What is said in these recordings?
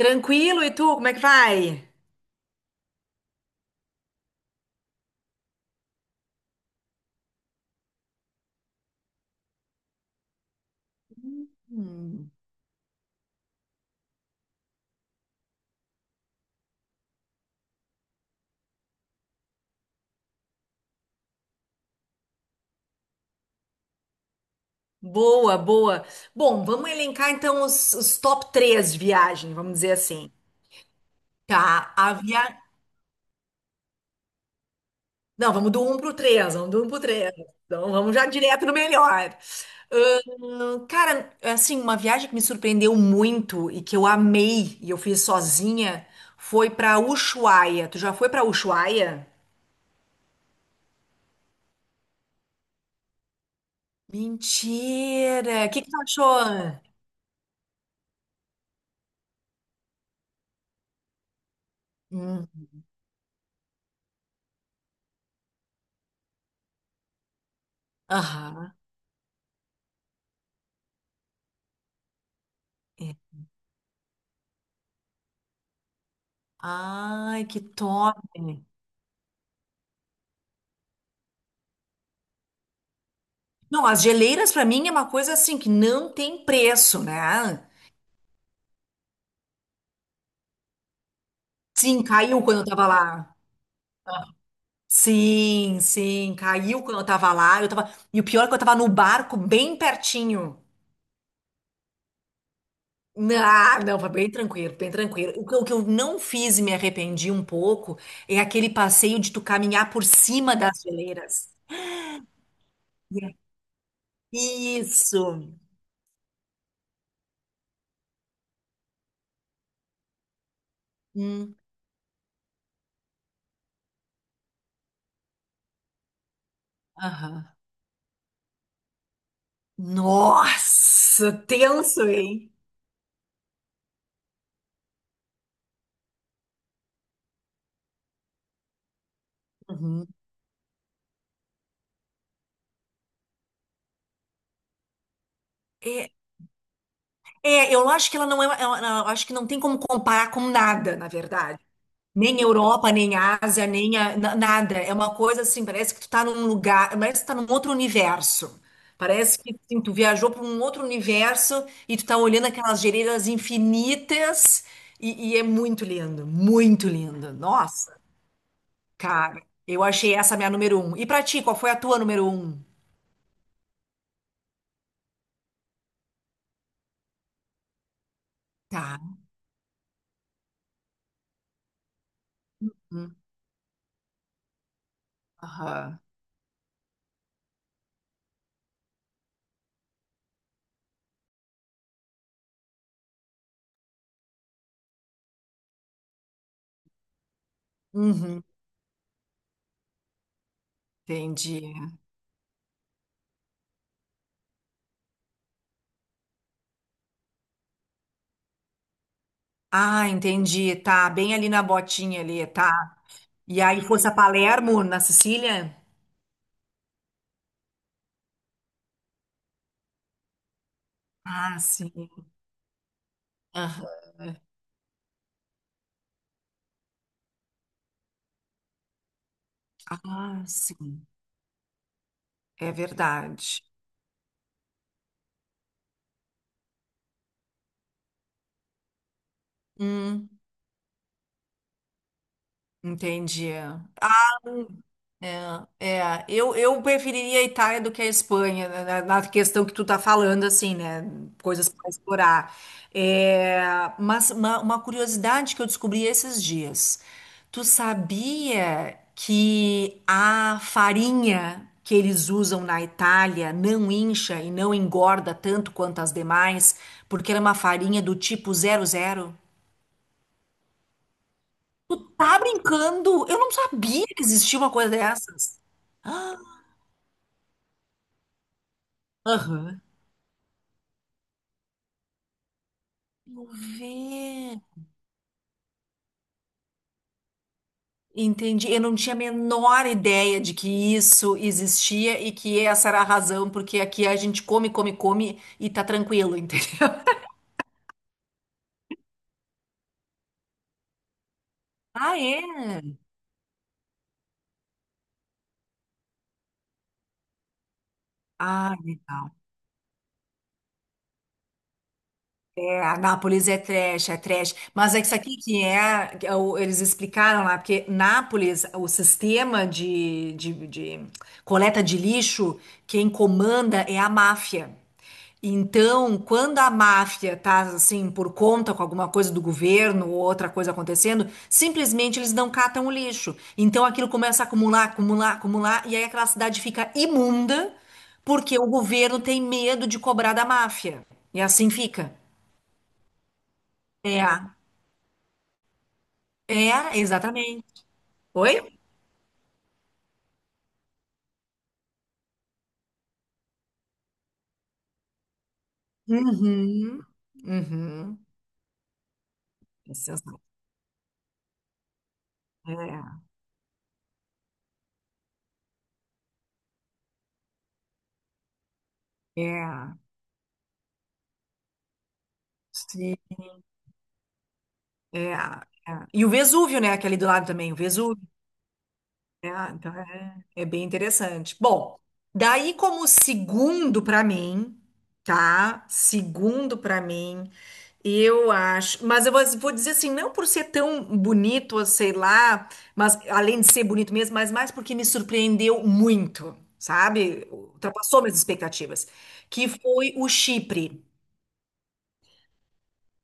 Tranquilo, e tu, como é que vai? Boa, boa. Bom, vamos elencar então os top 3 de viagem, vamos dizer assim. Tá, a Não, vamos do 1 pro três, vamos do 1 pro três. Então vamos já direto no melhor. Cara, assim, uma viagem que me surpreendeu muito e que eu amei e eu fiz sozinha, foi pra Ushuaia. Tu já foi pra Ushuaia? Mentira! O que que tu achou? Hum. Aham. Ai, que top! Não, as geleiras pra mim é uma coisa assim que não tem preço, né? Sim, caiu quando eu tava lá. Sim, sim, caiu quando eu tava lá. Eu tava... E o pior é que eu tava no barco bem pertinho. Ah, não, foi bem tranquilo, bem tranquilo. O que eu não fiz e me arrependi um pouco é aquele passeio de tu caminhar por cima das geleiras. Yeah. Isso. Hum, aham. Nossa, tenso, hein? Uhum. É. É, eu acho que ela não é, eu acho que não tem como comparar com nada, na verdade. Nem Europa, nem Ásia, nem a- na- nada. É uma coisa assim, parece que tu tá num lugar, parece que tu tá num outro universo. Parece que assim, tu viajou para um outro universo e tu tá olhando aquelas geleiras infinitas e é muito lindo, muito lindo. Nossa, cara, eu achei essa minha número um. E pra ti, qual foi a tua número um? Tá. Hum. Aham. Uhum. Entendi. Ah, entendi. Tá, bem ali na botinha ali, tá. E aí fosse a Palermo, na Sicília? Ah, sim. Aham. Ah, sim. É verdade. Hum, entendi. É, é, eu preferiria a Itália do que a Espanha, né, na questão que tu tá falando, assim, né? Coisas para explorar. É, mas uma curiosidade que eu descobri esses dias. Tu sabia que a farinha que eles usam na Itália não incha e não engorda tanto quanto as demais, porque ela é uma farinha do tipo zero zero? Tá brincando? Eu não sabia que existia uma coisa dessas. Ah. Aham. Vê. Entendi. Eu não tinha a menor ideia de que isso existia e que essa era a razão, porque aqui a gente come, come, come e tá tranquilo, entendeu? Ah, é? Ah, legal. É, Nápoles é trash, é trash. Mas é que isso aqui que é, eles explicaram lá, porque Nápoles, o sistema de coleta de lixo, quem comanda é a máfia. Então, quando a máfia tá assim por conta com alguma coisa do governo ou outra coisa acontecendo, simplesmente eles não catam o lixo. Então aquilo começa a acumular, acumular, acumular, e aí aquela cidade fica imunda porque o governo tem medo de cobrar da máfia. E assim fica. É, é, exatamente. Oi? Uhum, uhum. É sensacional. É, é, sim, é, é. E o Vesúvio, né? Aquele do lado também, o Vesúvio. É, então é, é bem interessante. Bom, daí como segundo para mim, tá? Segundo para mim. Eu acho, mas eu vou dizer assim, não por ser tão bonito, sei lá, mas além de ser bonito mesmo, mas mais porque me surpreendeu muito, sabe? Ultrapassou minhas expectativas, que foi o Chipre.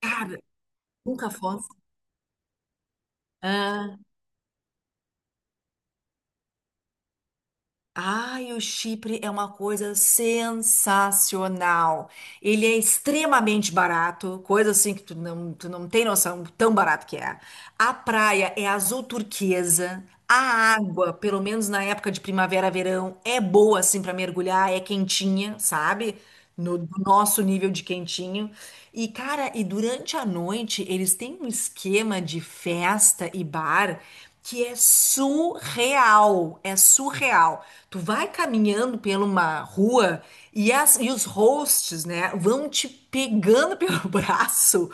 Cara, nunca fomos. Ai, o Chipre é uma coisa sensacional. Ele é extremamente barato, coisa assim que tu não tem noção tão barato que é. A praia é azul turquesa. A água, pelo menos na época de primavera, verão, é boa assim para mergulhar, é quentinha, sabe? No, do nosso nível de quentinho. E, cara, e durante a noite eles têm um esquema de festa e bar que é surreal, é surreal. Tu vai caminhando pela uma rua e, as, e os hosts, né, vão te pegando pelo braço.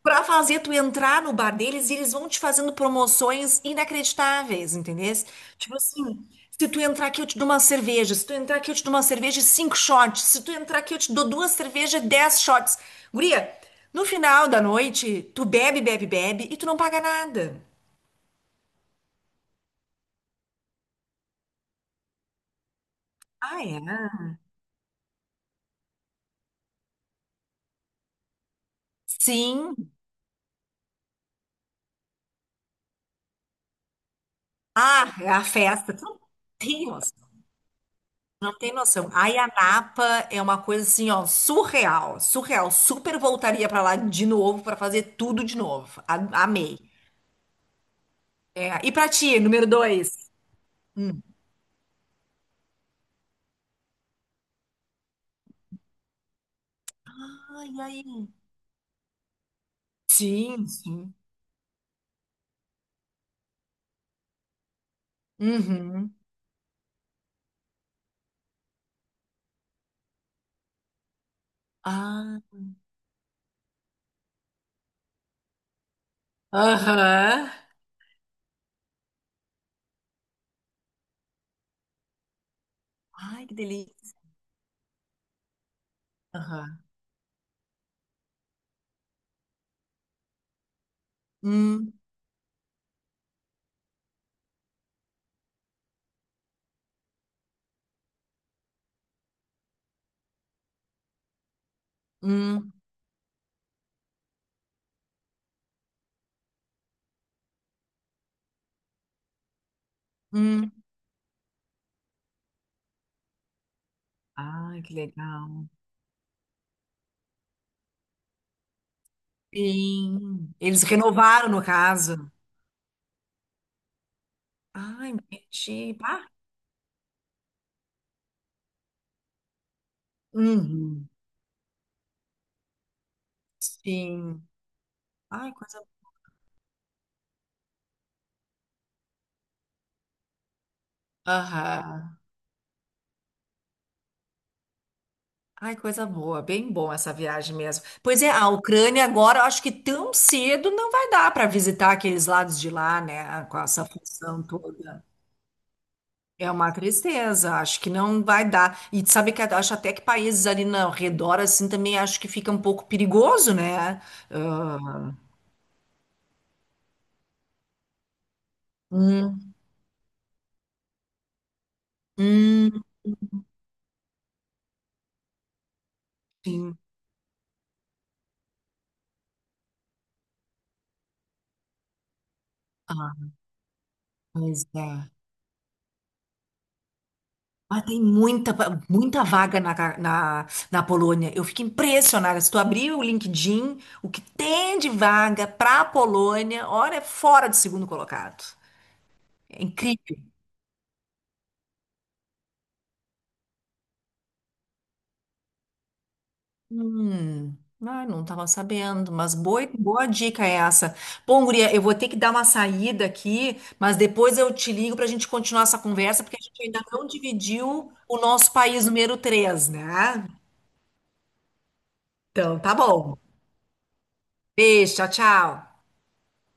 Pra fazer tu entrar no bar deles e eles vão te fazendo promoções inacreditáveis, entendesse? Tipo assim, se tu entrar aqui eu te dou uma cerveja, se tu entrar aqui eu te dou uma cerveja e cinco shots, se tu entrar aqui eu te dou duas cervejas e dez shots. Guria, no final da noite, tu bebe, bebe, bebe e tu não paga nada. Ah, é? Sim. Ah, é a festa. Tu não tem Não tem noção. A Napa é uma coisa assim, ó, surreal, surreal. Super voltaria pra lá de novo pra fazer tudo de novo. A- amei. É, e pra ti, número dois? Ai, ai. Sim, sim. Uhum. Ah, aham. Ai, que delícia. Aham. Hum, hum, hum. Ai, que legal. Sim. Eles renovaram, no caso. Ai, entendi. Pá. Uhum. Sim. Ai, coisa. Aham. Ai, coisa boa, bem bom essa viagem mesmo. Pois é, a Ucrânia agora, eu acho que tão cedo não vai dar para visitar aqueles lados de lá, né, com essa função toda. É uma tristeza, acho que não vai dar. E sabe que eu acho até que países ali no redor, assim, também acho que fica um pouco perigoso, né? Ah, hum, hum, sim. Ah, pois é. Ah, tem muita, muita vaga na, na Polônia. Eu fico impressionada. Se tu abrir o LinkedIn, o que tem de vaga para a Polônia, olha, é fora de segundo colocado. É incrível. Hum, ah, não estava sabendo, mas boa, boa dica é essa. Bom, guria, eu vou ter que dar uma saída aqui, mas depois eu te ligo para a gente continuar essa conversa, porque a gente ainda não dividiu o nosso país número 3, né? Então, tá bom. Beijo, tchau, tchau.